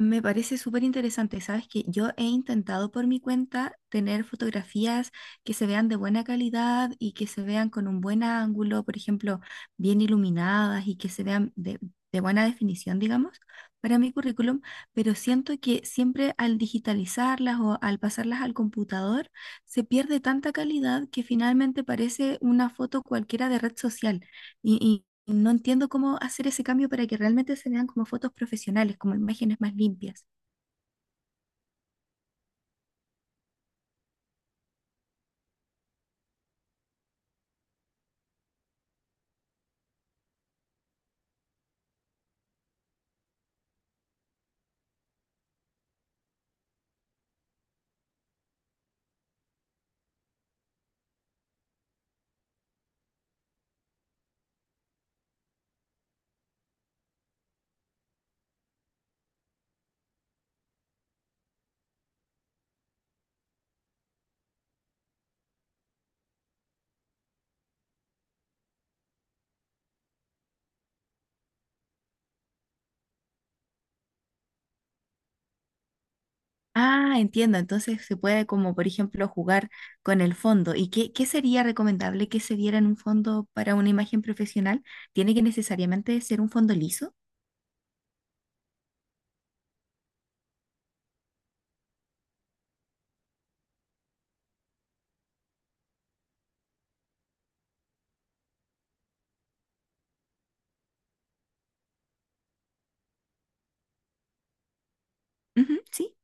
Me parece súper interesante. Sabes que yo he intentado por mi cuenta tener fotografías que se vean de buena calidad y que se vean con un buen ángulo, por ejemplo, bien iluminadas y que se vean de buena definición, digamos, para mi currículum, pero siento que siempre al digitalizarlas o al pasarlas al computador se pierde tanta calidad que finalmente parece una foto cualquiera de red social. Y no entiendo cómo hacer ese cambio para que realmente se vean como fotos profesionales, como imágenes más limpias. Ah, entiendo. Entonces se puede como, por ejemplo, jugar con el fondo. ¿Y qué sería recomendable que se diera en un fondo para una imagen profesional? ¿Tiene que necesariamente ser un fondo liso? Ujú, sí.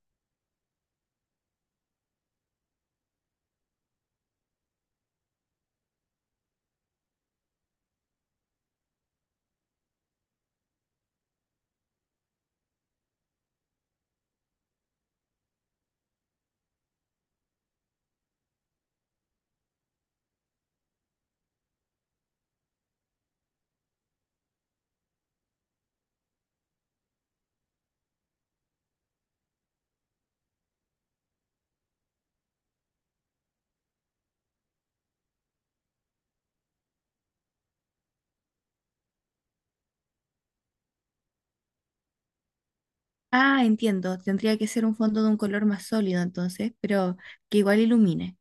Ah, entiendo. Tendría que ser un fondo de un color más sólido entonces, pero que igual ilumine.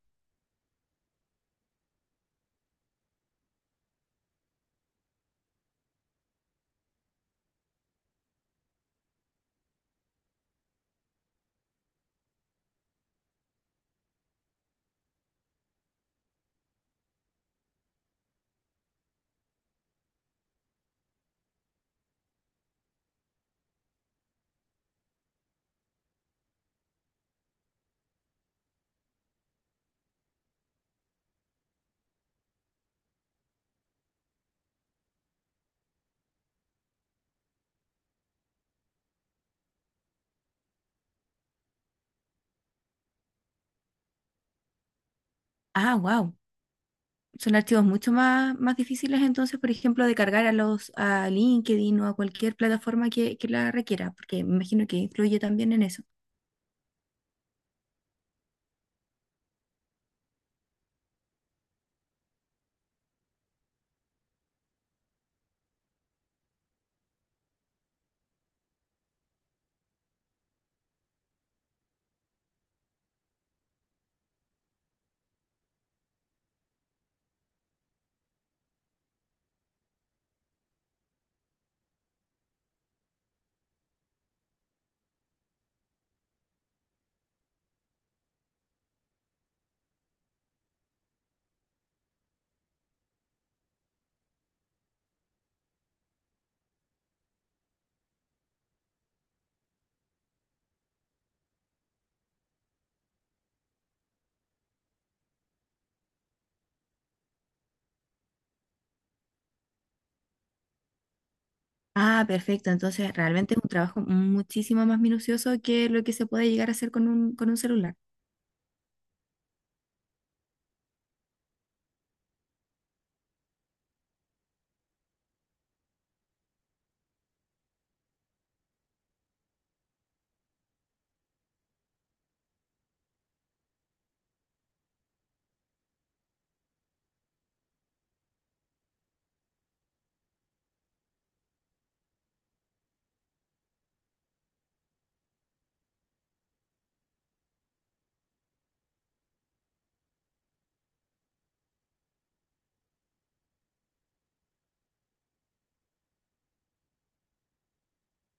Ah, wow. Son archivos mucho más, más difíciles entonces, por ejemplo, de cargar a los a LinkedIn o a cualquier plataforma que la requiera, porque me imagino que influye también en eso. Ah, perfecto. Entonces, realmente es un trabajo muchísimo más minucioso que lo que se puede llegar a hacer con un celular.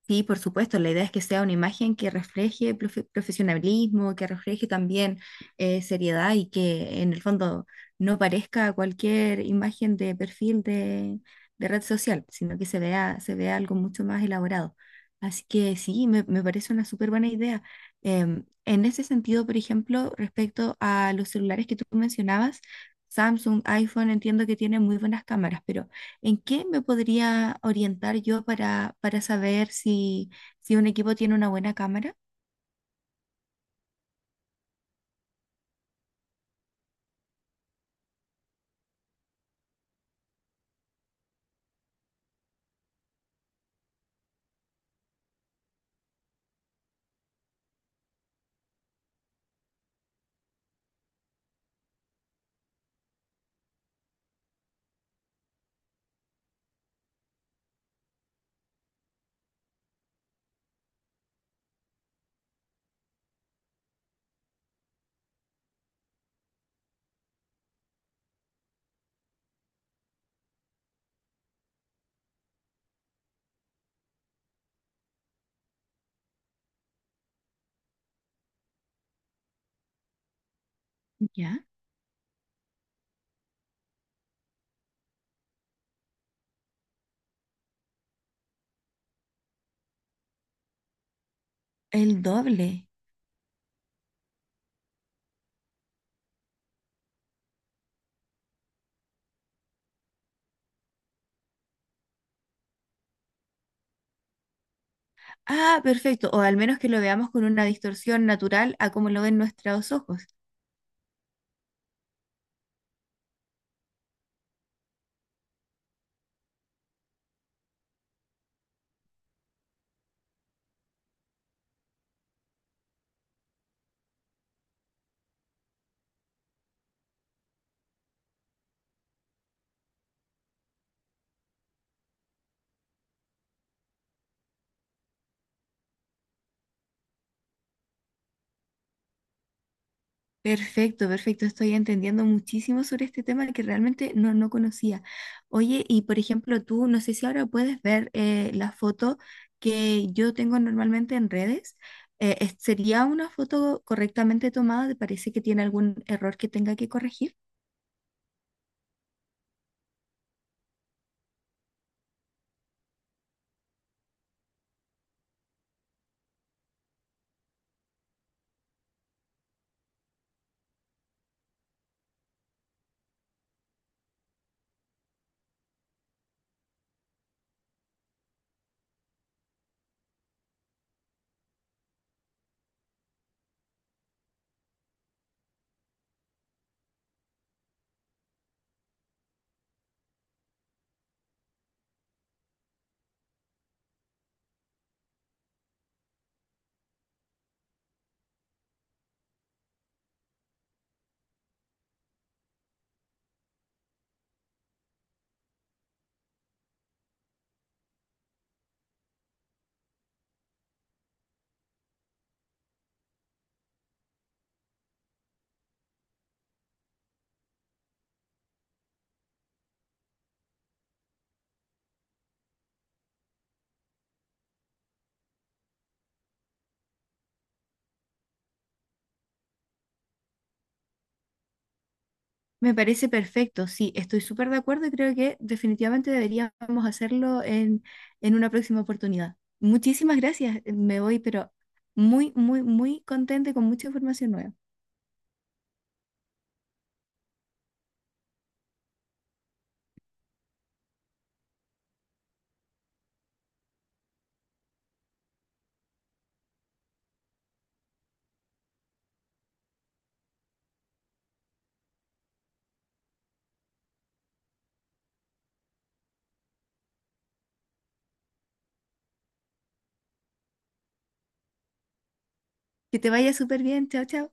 Sí, por supuesto, la idea es que sea una imagen que refleje profesionalismo, que refleje también seriedad y que en el fondo no parezca cualquier imagen de perfil de red social, sino que se vea algo mucho más elaborado. Así que sí, me parece una súper buena idea. En ese sentido, por ejemplo, respecto a los celulares que tú mencionabas, Samsung, iPhone, entiendo que tienen muy buenas cámaras, pero... ¿En qué me podría orientar yo para saber si un equipo tiene una buena cámara? ¿Ya? El doble. Ah, perfecto. O al menos que lo veamos con una distorsión natural a como lo ven nuestros ojos. Perfecto, perfecto. Estoy entendiendo muchísimo sobre este tema que realmente no conocía. Oye, y por ejemplo, tú, no sé si ahora puedes ver la foto que yo tengo normalmente en redes. ¿Sería una foto correctamente tomada? ¿Te parece que tiene algún error que tenga que corregir? Me parece perfecto, sí, estoy súper de acuerdo y creo que definitivamente deberíamos hacerlo en una próxima oportunidad. Muchísimas gracias, me voy, pero muy, muy, muy contenta y con mucha información nueva. Que te vaya súper bien, chao, chao.